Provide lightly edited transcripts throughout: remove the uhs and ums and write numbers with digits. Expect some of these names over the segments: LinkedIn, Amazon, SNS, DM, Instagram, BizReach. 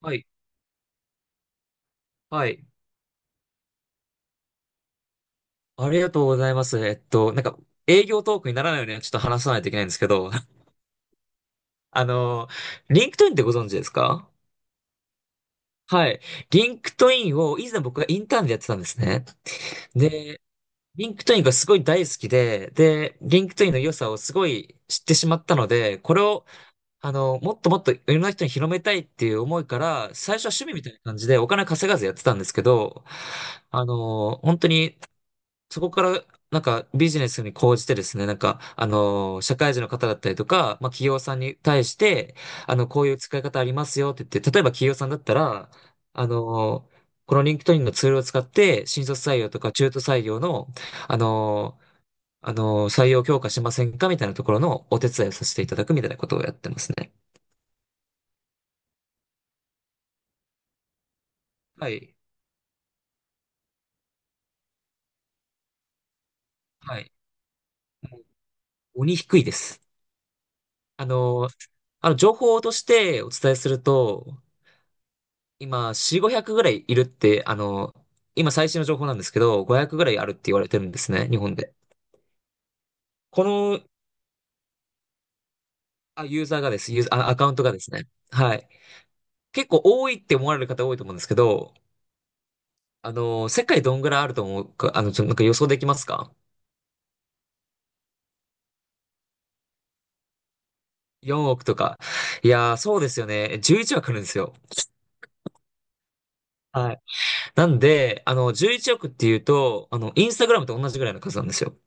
はい。はい。ありがとうございます。営業トークにならないようにはちょっと話さないといけないんですけど、あの、リンクトインってご存知ですか？はい。リンクトインを以前僕がインターンでやってたんですね。で、リンクトインがすごい大好きで、リンクトインの良さをすごい知ってしまったので、これを、もっともっといろんな人に広めたいっていう思いから、最初は趣味みたいな感じでお金稼がずやってたんですけど、本当にそこから、なんかビジネスに講じてですね、社会人の方だったりとか、まあ企業さんに対して、こういう使い方ありますよって言って、例えば企業さんだったら、あのーこのリンクトインのツールを使って、新卒採用とか中途採用の、あのー採用強化しませんかみたいなところのお手伝いをさせていただくみたいなことをやってますね。はい。はい。もう鬼低いです。あのー情報としてお伝えすると、今、4、500ぐらいいるって、今最新の情報なんですけど、500ぐらいあるって言われてるんですね、日本で。この、あ、ユーザー、あ、アカウントがですね。はい。結構多いって思われる方多いと思うんですけど、世界どんぐらいあると思うか、あの、ちょ、なんか予想できますか ?4 億とか。いやー、そうですよね。11億あるんですよ。はい。なんで、11億っていうと、インスタグラムと同じぐらいの数なんですよ。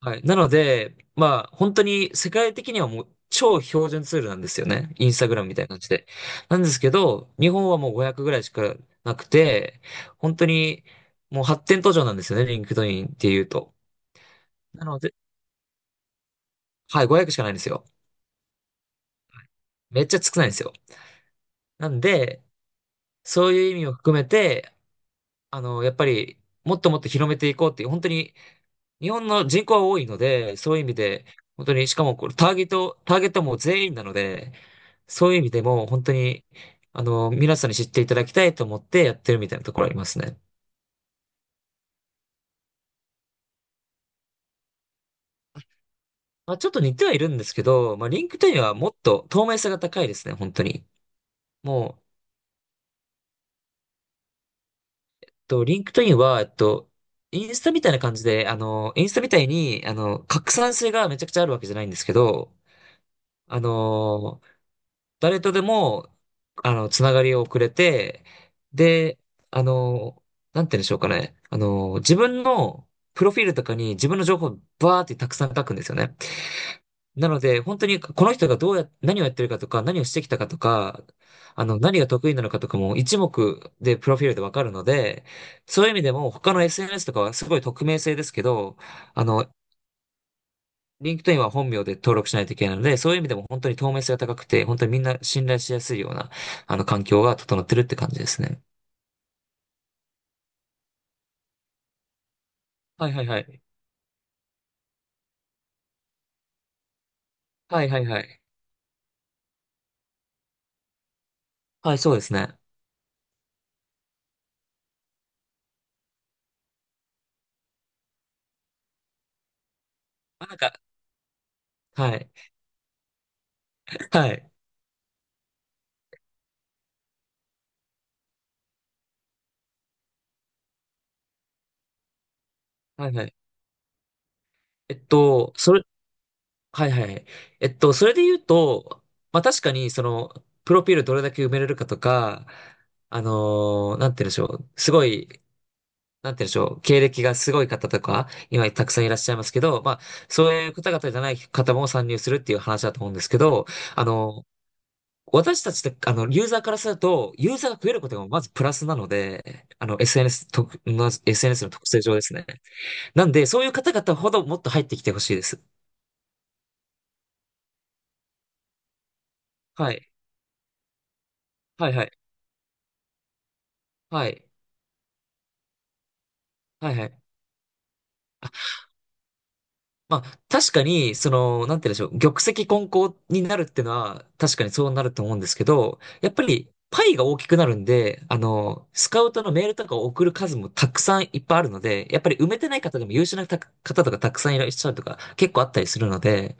はい。なので、まあ、本当に世界的にはもう超標準ツールなんですよね。インスタグラムみたいな感じで。なんですけど、日本はもう500ぐらいしかなくて、本当にもう発展途上なんですよね、リンクドインっていうと。なので、はい、500しかないんですよ。めっちゃ少ないんですよ。なんで、そういう意味を含めて、やっぱり、もっともっと広めていこうっていう、本当に日本の人口は多いので、そういう意味で、本当に、しかもこれターゲットも全員なので、そういう意味でも本当に、皆さんに知っていただきたいと思ってやってるみたいなところありますね。まあ、ちょっと似てはいるんですけど、まあ、リンクトインはもっと透明性が高いですね、本当に。もう、リンクトインは、インスタみたいな感じで、インスタみたいに、拡散性がめちゃくちゃあるわけじゃないんですけど、あの誰とでも、つながりをくれて、で、あの、なんて言うんでしょうかね。自分のプロフィールとかに自分の情報をバーってたくさん書くんですよね。なので、本当にこの人がどうや、何をやってるかとか、何をしてきたかとか、何が得意なのかとかも一目でプロフィールでわかるので、そういう意味でも他の SNS とかはすごい匿名性ですけど、あの、リンクトインは本名で登録しないといけないので、そういう意味でも本当に透明性が高くて、本当にみんな信頼しやすいような、環境が整ってるって感じですね。はいはいはい。はいはいはい。はい、そうですね。あ、なんか、はい。はい。はいはい。えっと、それ、はいはい。それで言うと、まあ確かに、その、プロフィールどれだけ埋めれるかとか、なんて言うんでしょう。すごいなんて言うんでしょう、経歴がすごい方とか、今たくさんいらっしゃいますけど、まあ、そういう方々じゃない方も参入するっていう話だと思うんですけど、あの、私たちって、ユーザーからすると、ユーザーが増えることがまずプラスなので、の SNS の特性上ですね。なんで、そういう方々ほどもっと入ってきてほしいです。はい。はいはい。はい。はいはい。まあ、確かに、その、なんて言うんでしょう、玉石混交になるってのは、確かにそうなると思うんですけど、やっぱり、パイが大きくなるんで、スカウトのメールとかを送る数もたくさんいっぱいあるので、やっぱり埋めてない方でも優秀なた方とかたくさんいらっしゃるとか結構あったりするので、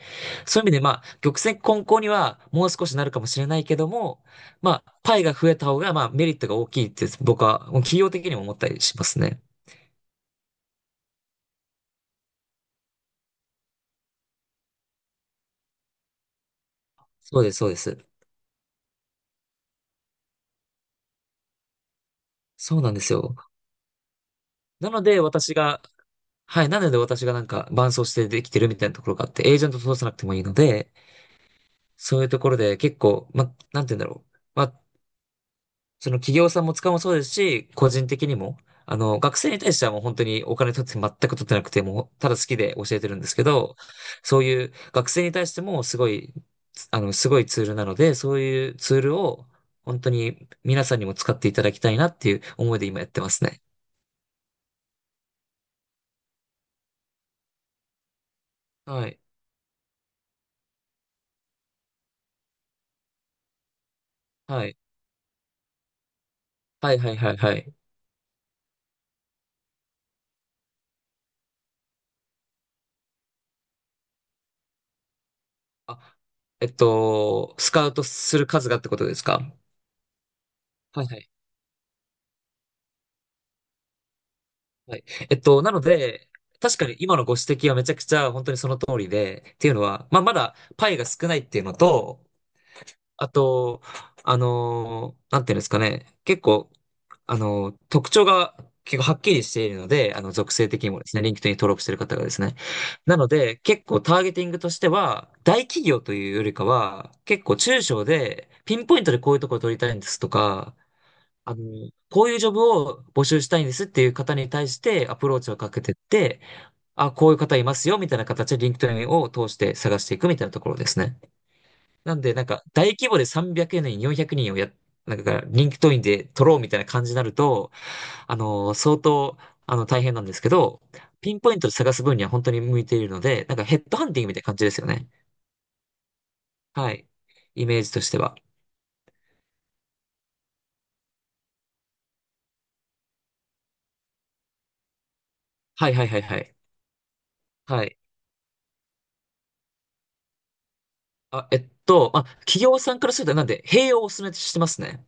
そういう意味でまあ、玉石混交にはもう少しなるかもしれないけども、まあ、パイが増えた方がまあメリットが大きいって僕は企業的にも思ったりしますね。そうです、そうです。そうなんですよ。なので私が、はい。なので私がなんか伴走してできてるみたいなところがあって、エージェント通さなくてもいいので、そういうところで結構、ま、なんて言うんだろう。まあ、その企業さんも使うもそうですし、個人的にも、学生に対してはもう本当にお金取って全く取ってなくてもう、ただ好きで教えてるんですけど、そういう学生に対してもすごいツールなので、そういうツールを本当に皆さんにも使っていただきたいなっていう思いで今やってますね。はい。はい。はいはいはいはい。スカウトする数がってことですか？はいはい。はい。なので、確かに今のご指摘はめちゃくちゃ本当にその通りで、っていうのは、まあ、まだパイが少ないっていうのと、あと、なんていうんですかね、結構、特徴が結構はっきりしているので、属性的にもですね、リンクトインに登録している方がですね。なので、結構ターゲティングとしては、大企業というよりかは、結構中小で、ピンポイントでこういうところを取りたいんですとか、こういうジョブを募集したいんですっていう方に対してアプローチをかけてって、あ、こういう方いますよみたいな形で LinkedIn を通して探していくみたいなところですね。なんで、なんか大規模で300人、400人をなんか LinkedIn で取ろうみたいな感じになると、相当、大変なんですけど、ピンポイントで探す分には本当に向いているので、なんかヘッドハンティングみたいな感じですよね。はい。イメージとしては。はいはいはいはい。はい。企業さんからすると、なんで、併用をお勧めしてますね。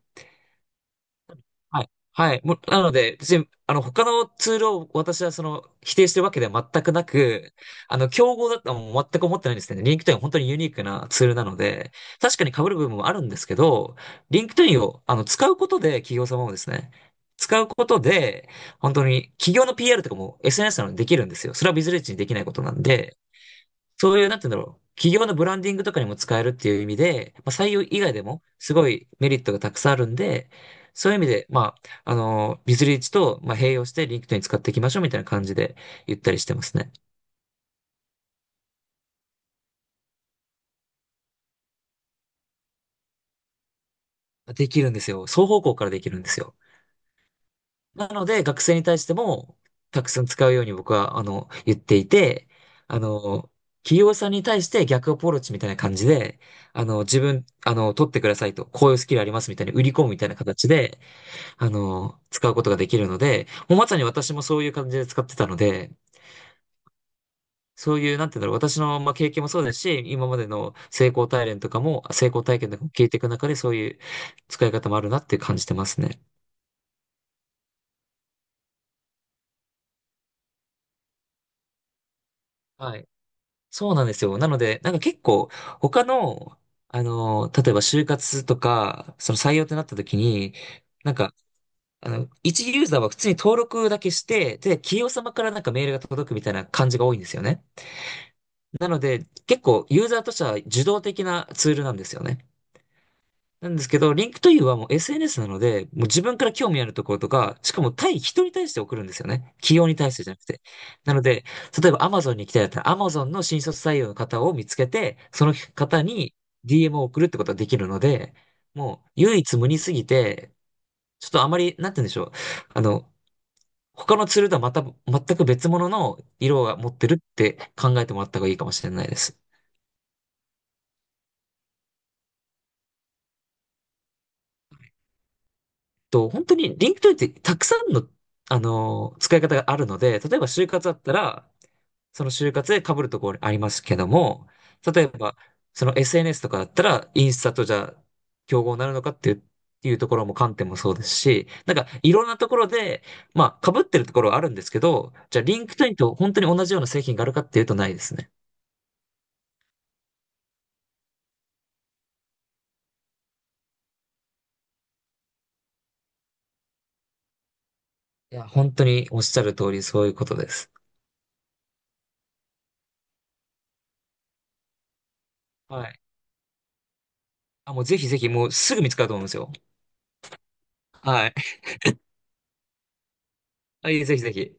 はい。はい。もう、なので、別に、他のツールを私は、否定してるわけでは全くなく、競合だとはもう全く思ってないんですけど、リンクトインは本当にユニークなツールなので、確かに被る部分もあるんですけど、リンクトインを、使うことで、企業様もですね、使うことで、本当に、企業の PR とかも SNS なのでできるんですよ。それはビズレッジにできないことなんで、そういう、なんて言うんだろう。企業のブランディングとかにも使えるっていう意味で、まあ、採用以外でもすごいメリットがたくさんあるんで、そういう意味で、まあ、ビズリーチと、まあ、併用してリンクトイン使っていきましょうみたいな感じで言ったりしてますね。できるんですよ。双方向からできるんですよ。なので、学生に対しても、たくさん使うように僕は、言っていて、あの、企業さんに対して逆アプローチみたいな感じで、自分、取ってくださいと、こういうスキルありますみたいに売り込むみたいな形で、使うことができるので、もうまさに私もそういう感じで使ってたので、そういう、なんていうんだろう、私の、まあ、経験もそうですし、今までの成功体験とかも、成功体験とかも聞いていく中で、そういう使い方もあるなって感じてますね。はい。そうなんですよ。なので、なんか結構、他の、例えば就活とか、その採用ってなった時に、なんか、一ユーザーは普通に登録だけして、で、企業様からなんかメールが届くみたいな感じが多いんですよね。なので、結構ユーザーとしては受動的なツールなんですよね。なんですけど、リンクト u はもう SNS なので、もう自分から興味あるところとか、しかも対人に対して送るんですよね。企業に対してじゃなくて。なので、例えば Amazon に行きたいだったら、Amazon の新卒採用の方を見つけて、その方に DM を送るってことができるので、もう唯一無二すぎて、ちょっとあまり、なんて言うんでしょう。あの、他のツールとはまた、全く別物の色を持ってるって考えてもらった方がいいかもしれないです。と、本当に LinkedIn ってたくさんの、使い方があるので、例えば就活だったら、その就活で被るところありますけども、例えば、その SNS とかだったら、インスタとじゃあ、競合になるのかっていう、っていうところも観点もそうですし、なんかいろんなところで、まあ被ってるところはあるんですけど、じゃあ LinkedIn と本当に同じような製品があるかっていうとないですね。いや、本当におっしゃる通りそういうことです。はい。あ、もうぜひぜひ、もうすぐ見つかると思うんですよ。はい。はいぜひぜひ。